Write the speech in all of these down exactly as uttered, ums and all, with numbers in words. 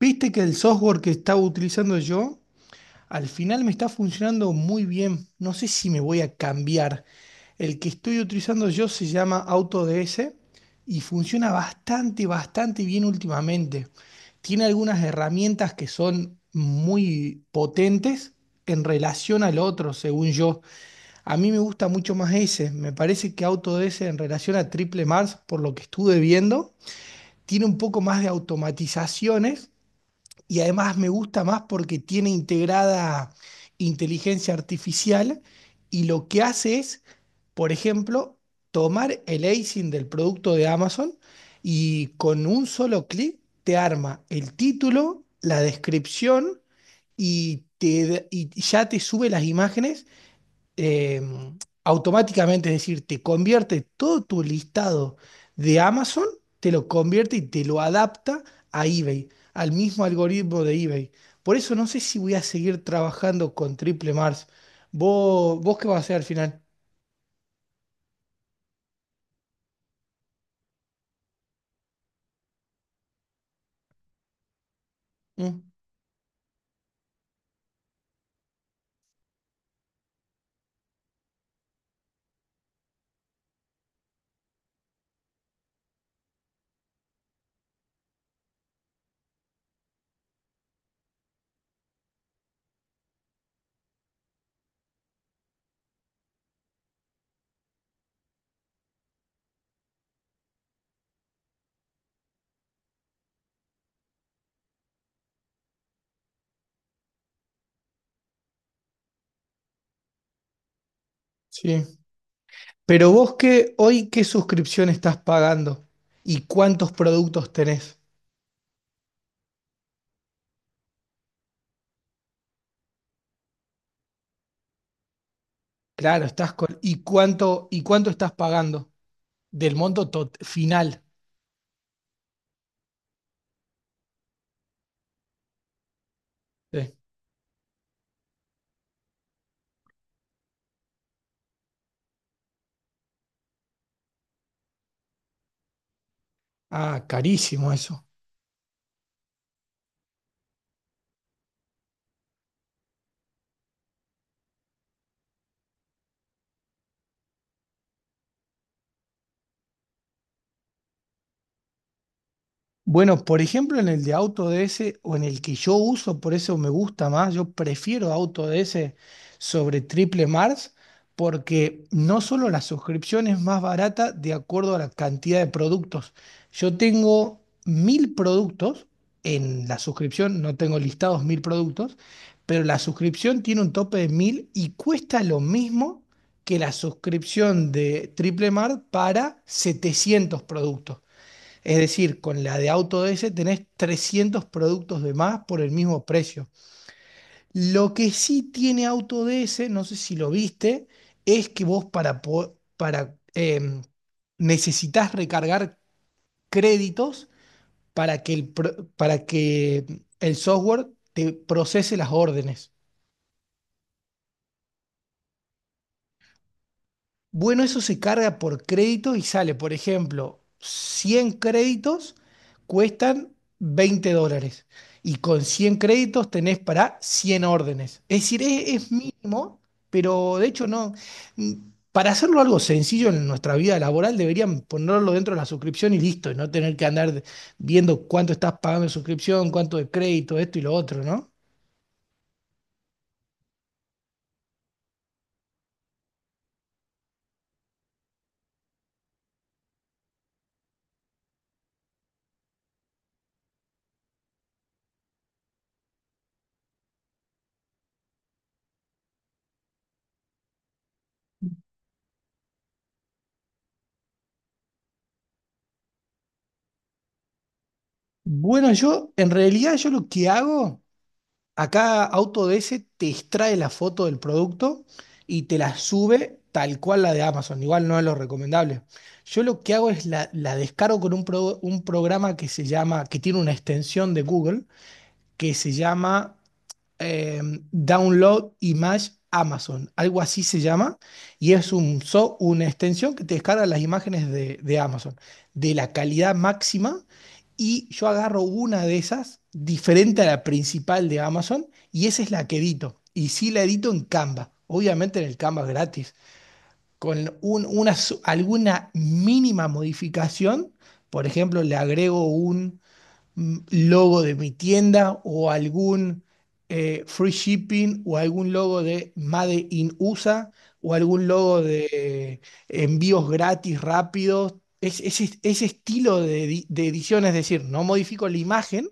Viste que el software que estaba utilizando yo al final me está funcionando muy bien. No sé si me voy a cambiar. El que estoy utilizando yo se llama AutoDS y funciona bastante, bastante bien últimamente. Tiene algunas herramientas que son muy potentes en relación al otro, según yo. A mí me gusta mucho más ese. Me parece que AutoDS en relación a Triple Mars, por lo que estuve viendo, tiene un poco más de automatizaciones y además me gusta más porque tiene integrada inteligencia artificial y lo que hace es, por ejemplo, tomar el asin del producto de Amazon y con un solo clic te arma el título, la descripción y, te, y ya te sube las imágenes eh, automáticamente, es decir, te convierte todo tu listado de Amazon, te lo convierte y te lo adapta a eBay, al mismo algoritmo de eBay. Por eso no sé si voy a seguir trabajando con Triple Mars. ¿Vos, vos qué vas a hacer al final? Mm, sí. Pero vos qué, hoy qué suscripción estás pagando y cuántos productos tenés. Claro, estás con. ¿Y cuánto, y cuánto estás pagando del monto tot- final? Sí. Ah, carísimo eso. Bueno, por ejemplo, en el de AutoDS o en el que yo uso, por eso me gusta más, yo prefiero AutoDS sobre Triple Mars porque no solo la suscripción es más barata de acuerdo a la cantidad de productos. Yo tengo mil productos en la suscripción, no tengo listados mil productos, pero la suscripción tiene un tope de mil y cuesta lo mismo que la suscripción de Triple Mart para setecientos productos. Es decir, con la de AutoDS tenés trescientos productos de más por el mismo precio. Lo que sí tiene AutoDS, no sé si lo viste, es que vos para, po- para em, necesitas recargar créditos para que el, pro- para que el software te procese las órdenes. Bueno, eso se carga por crédito y sale, por ejemplo, cien créditos cuestan veinte dólares y con cien créditos tenés para cien órdenes. Es decir, es, es mínimo, pero de hecho no. Mm, Para hacerlo algo sencillo en nuestra vida laboral deberían ponerlo dentro de la suscripción y listo, y no tener que andar de- viendo cuánto estás pagando de suscripción, cuánto de crédito, esto y lo otro, ¿no? Bueno, yo en realidad yo lo que hago. Acá Autodesk te extrae la foto del producto y te la sube tal cual la de Amazon. Igual no es lo recomendable. Yo lo que hago es la, la descargo con un, pro- un programa que se llama, que tiene una extensión de Google, que se llama eh, Download Image Amazon, algo así se llama, y es un, so- una extensión que te descarga las imágenes de, de Amazon, de la calidad máxima, y yo agarro una de esas, diferente a la principal de Amazon, y esa es la que edito, y sí la edito en Canva, obviamente en el Canva gratis, con un- una, su- alguna mínima modificación, por ejemplo, le agrego un mm, logo de mi tienda o algún eh, free shipping o algún logo de Made in U S A o algún logo de eh, envíos gratis rápidos. Es, ese ese estilo de, edi- de edición, es decir, no modifico la imagen,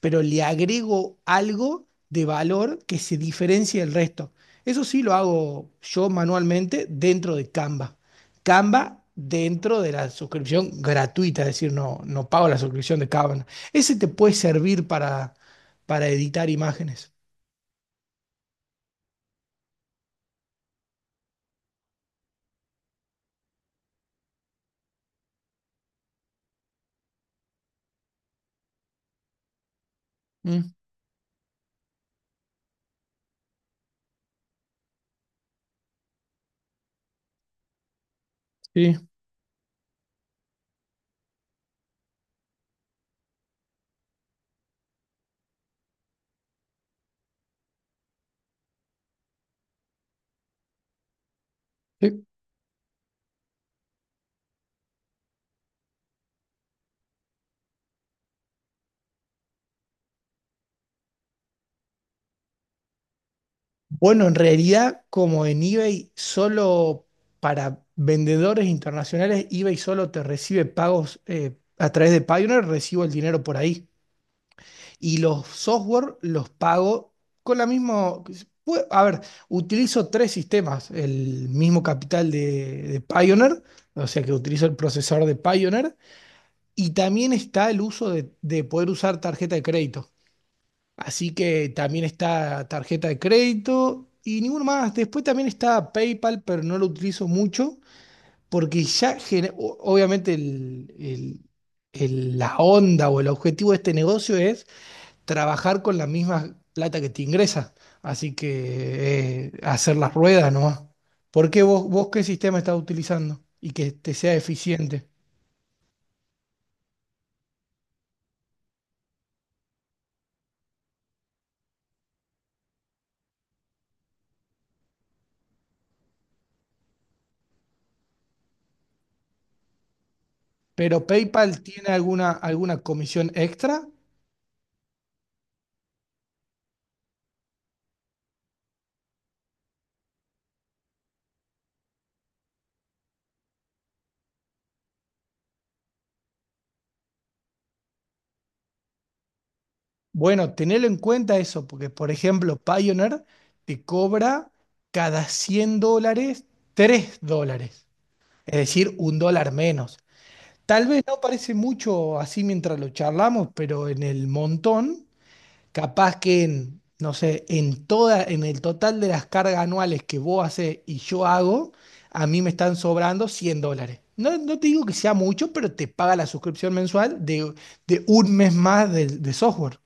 pero le agrego algo de valor que se diferencie del resto. Eso sí lo hago yo manualmente dentro de Canva. Canva dentro de la suscripción gratuita, es decir, no, no pago la suscripción de Canva. Ese te puede servir para, para editar imágenes. Mm, sí, sí. Bueno, en realidad, como en eBay solo para vendedores internacionales, eBay solo te recibe pagos eh, a través de Payoneer, recibo el dinero por ahí. Y los software los pago con la misma. Pue- A ver, utilizo tres sistemas, el mismo capital de, de Pioneer, o sea que utilizo el procesador de Pioneer, y también está el uso de, de poder usar tarjeta de crédito. Así que también está tarjeta de crédito y ninguno más. Después también está PayPal, pero no lo utilizo mucho porque ya, gener- o- obviamente, el- el- el- la onda o el objetivo de este negocio es trabajar con la misma plata que te ingresa. Así que eh, hacer las ruedas nomás. ¿Por qué vos, vos qué sistema estás utilizando y que te sea eficiente? Pero PayPal tiene alguna, alguna comisión extra. Bueno, tener en cuenta eso, porque por ejemplo, Payoneer te cobra cada cien dólares tres dólares, es decir, un dólar menos. Tal vez no parece mucho así mientras lo charlamos, pero en el montón. Capaz que en, no sé, en toda, en el total de las cargas anuales que vos haces y yo hago, a mí me están sobrando cien dólares. No, no te digo que sea mucho, pero te paga la suscripción mensual de, de un mes más de, de software.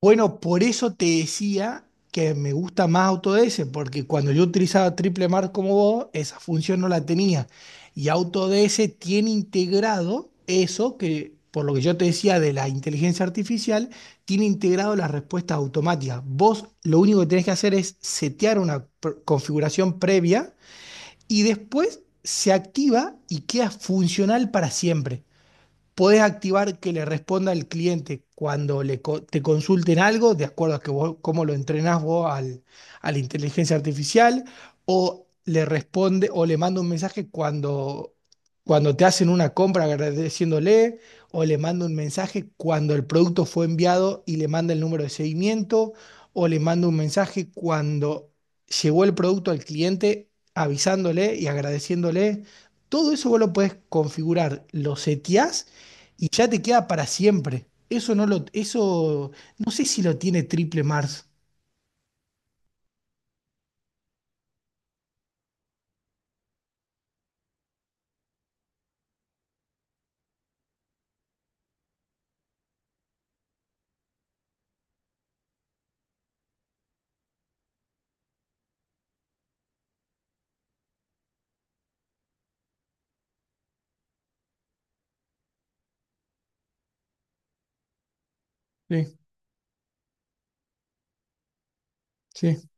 Bueno, por eso te decía que me gusta más Autodesk, porque cuando yo utilizaba Triple Mar como vos, esa función no la tenía. Y Autodesk tiene integrado eso que, por lo que yo te decía de la inteligencia artificial, tiene integrado las respuestas automáticas. Vos lo único que tenés que hacer es setear una pr- configuración previa y después se activa y queda funcional para siempre. Podés activar que le responda al cliente cuando le co- te consulten algo, de acuerdo a que vos- cómo lo entrenás vos al, a la inteligencia artificial, o le responde o le manda un mensaje cuando, cuando te hacen una compra agradeciéndole, o le manda un mensaje cuando el producto fue enviado y le manda el número de seguimiento, o le manda un mensaje cuando llegó el producto al cliente avisándole y agradeciéndole. Todo eso vos lo podés configurar, lo seteás y ya te queda para siempre. Eso no lo, eso no sé si lo tiene Triple Mars. Sí, sí.